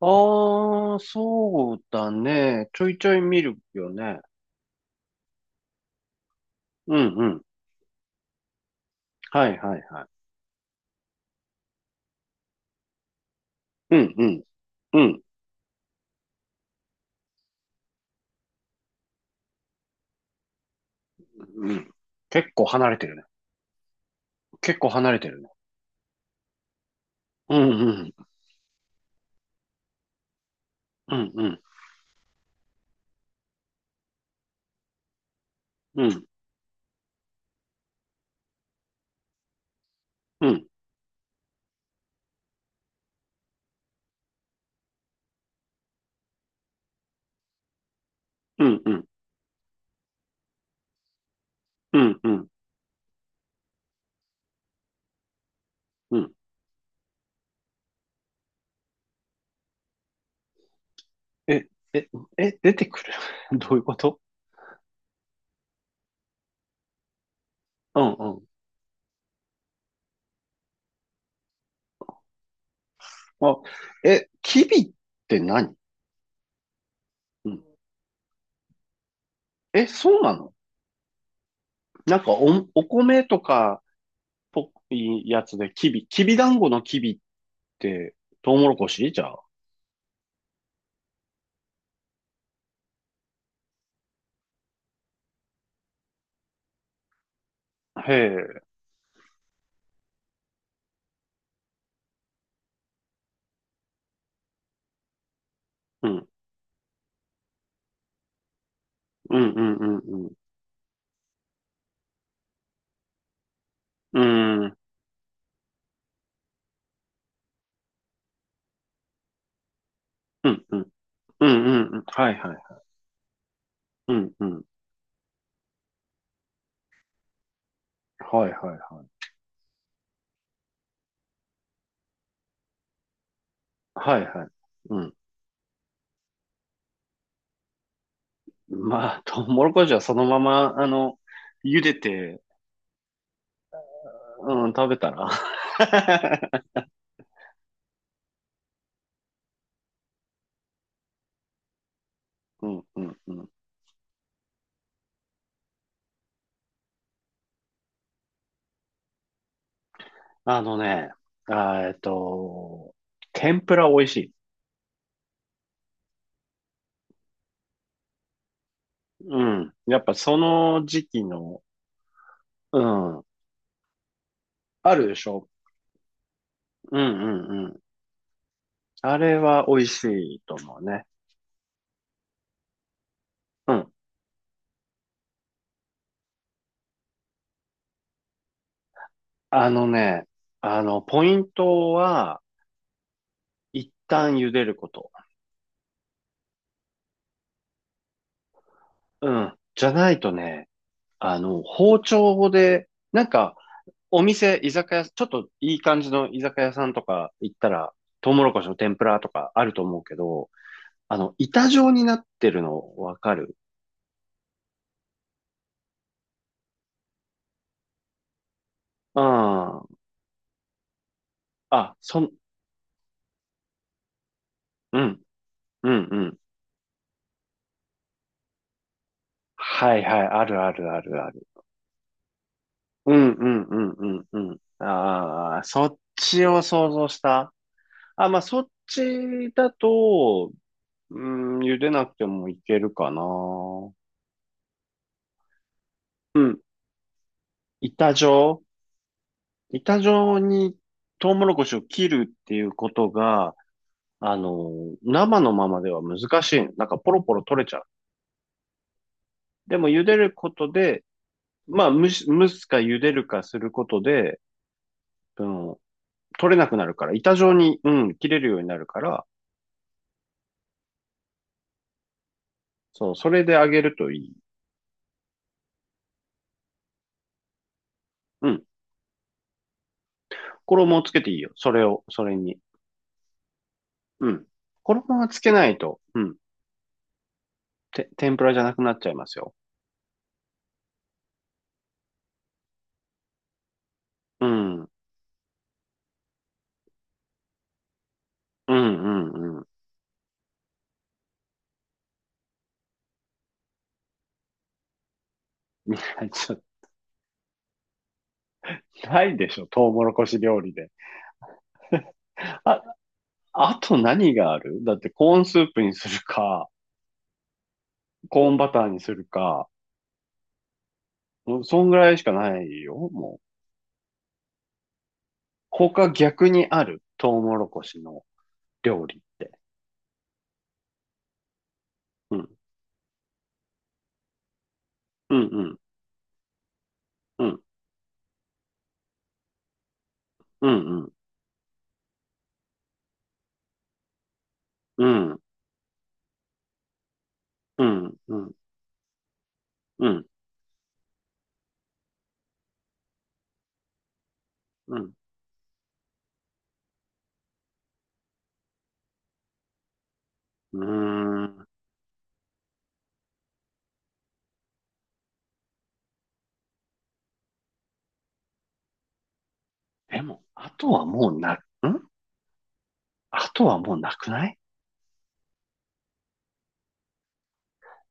ああ、そうだね。ちょいちょい見るよね。うんうん。はいはいはい。うんうんうんうん。結構離れてるね。結構離れてるね。うんうんうんうんうんうんうんうんうんうんうん、え、え、え、出てくる どういうこと？うんうん。あ、え、キビって何？うん。え、そうなの？なんかお、お米とかっぽいやつでキビ、キビ団子のキビって、トウモロコシじゃあ。へえ、うん、うん、うん、うん、うん、うん、うん、うん、うん、うん、うん、はい、はい、うん、うん、はい、はい、はい、はい、はい、うん。まあ、トウモロコシはそのまま、あの、茹でて、うん、食べたら うん、うん、うん。あのね、あーえっと、天ぷら美味しい。うん。やっぱその時期の、うん。あるでしょ。うんうんうん。あれは美味しいと思うね。うん。あのね、あの、ポイントは、一旦茹でること。うん。じゃないとね、あの、包丁で、なんか、お店、居酒屋、ちょっといい感じの居酒屋さんとか行ったら、トウモロコシの天ぷらとかあると思うけど、あの、板状になってるのわかる？うん。あ、そん、うん、うん、うん。はいはい、あるあるあるある。うん、うん、うん、うん、うん。ああ、そっちを想像した。あ、まあ、そっちだと、うん、茹でなくてもいけるかな。うん。板状板状にトウモロコシを切るっていうことが、あの、生のままでは難しいの。なんかポロポロ取れちゃう。でも茹でることで、まあ、蒸すか茹でるかすることで、その、取れなくなるから、板状に、うん、切れるようになるから、そう、それで揚げるといい。うん。衣をつけていいよ。それを、それに。うん。衣はつけないと、うん。て、天ぷらじゃなくなっちゃいますよ。うん。うんうんうん。ちょ、ないでしょ、トウモロコシ料理で。あ、あと何があるだってコーンスープにするか、コーンバターにするか、もうそんぐらいしかないよ、もう。他逆にある、トウモロコシの料理って。うん、うん、うん、うん、うん、うん、うん、うん、うん、うん、うん。うーん、でも、あとはもうな、ん、あとはもうなくない？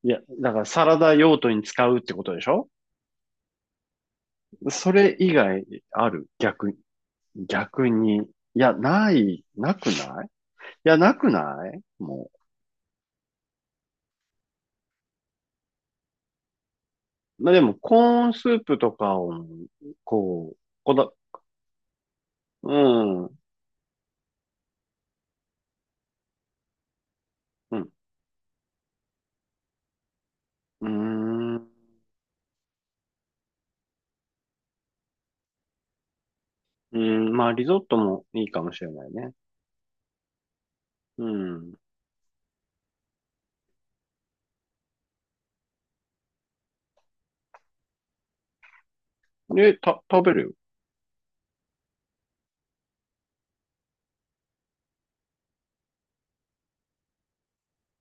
いや、だからサラダ用途に使うってことでしょ？それ以外ある、逆、逆に。いや、ない、なくない、いや、なくないもう。まあ、でも、コーンスープとかを、こう、こだ、うん、うん、うん、うん、まあ、リゾットもいいかもしれないね。うん。で、食べるよ。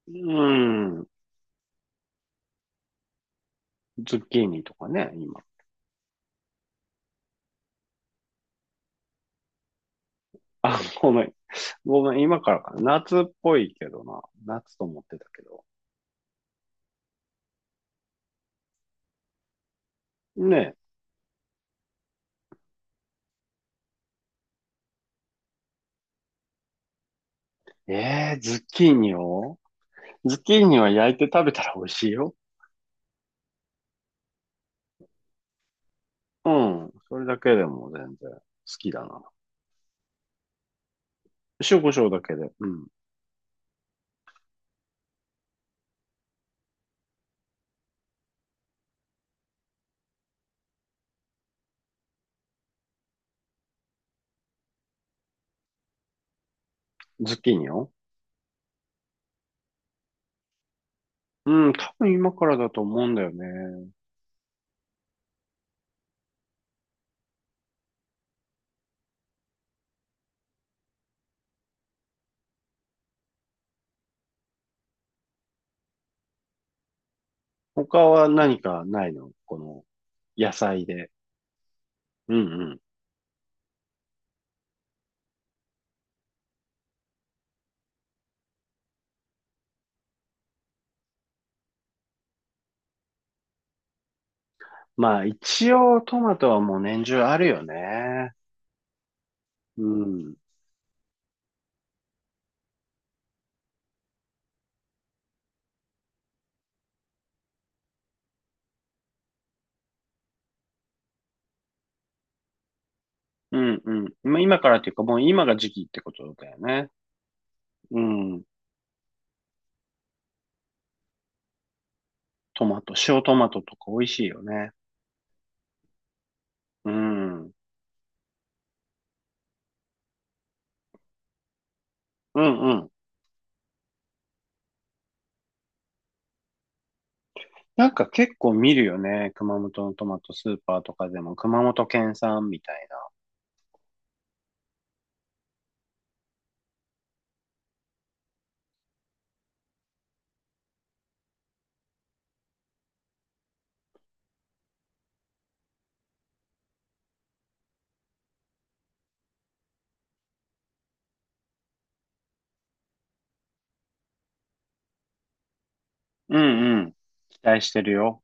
うん、ズッキーニとかね、今。あ、ごめん。ごめん、今からかな。夏っぽいけどな。夏と思ってたけど。ねえ。えー、ズッキーニは焼いて食べたら美味しいよ。うん。それだけでも全然好きだな。塩コショウだけで。うん。ズッキーニを、うん、多分今からだと思うんだよね。他は何かないのこの野菜で。うんうん。まあ一応トマトはもう年中あるよね。うん。うんうん。まあ今からっていうかもう今が時期ってことだよね。うん。トマト、塩トマトとか美味しいよね。うん。うんうん。なんか結構見るよね。熊本のトマトスーパーとかでも、熊本県産みたいな。うんうん。期待してるよ。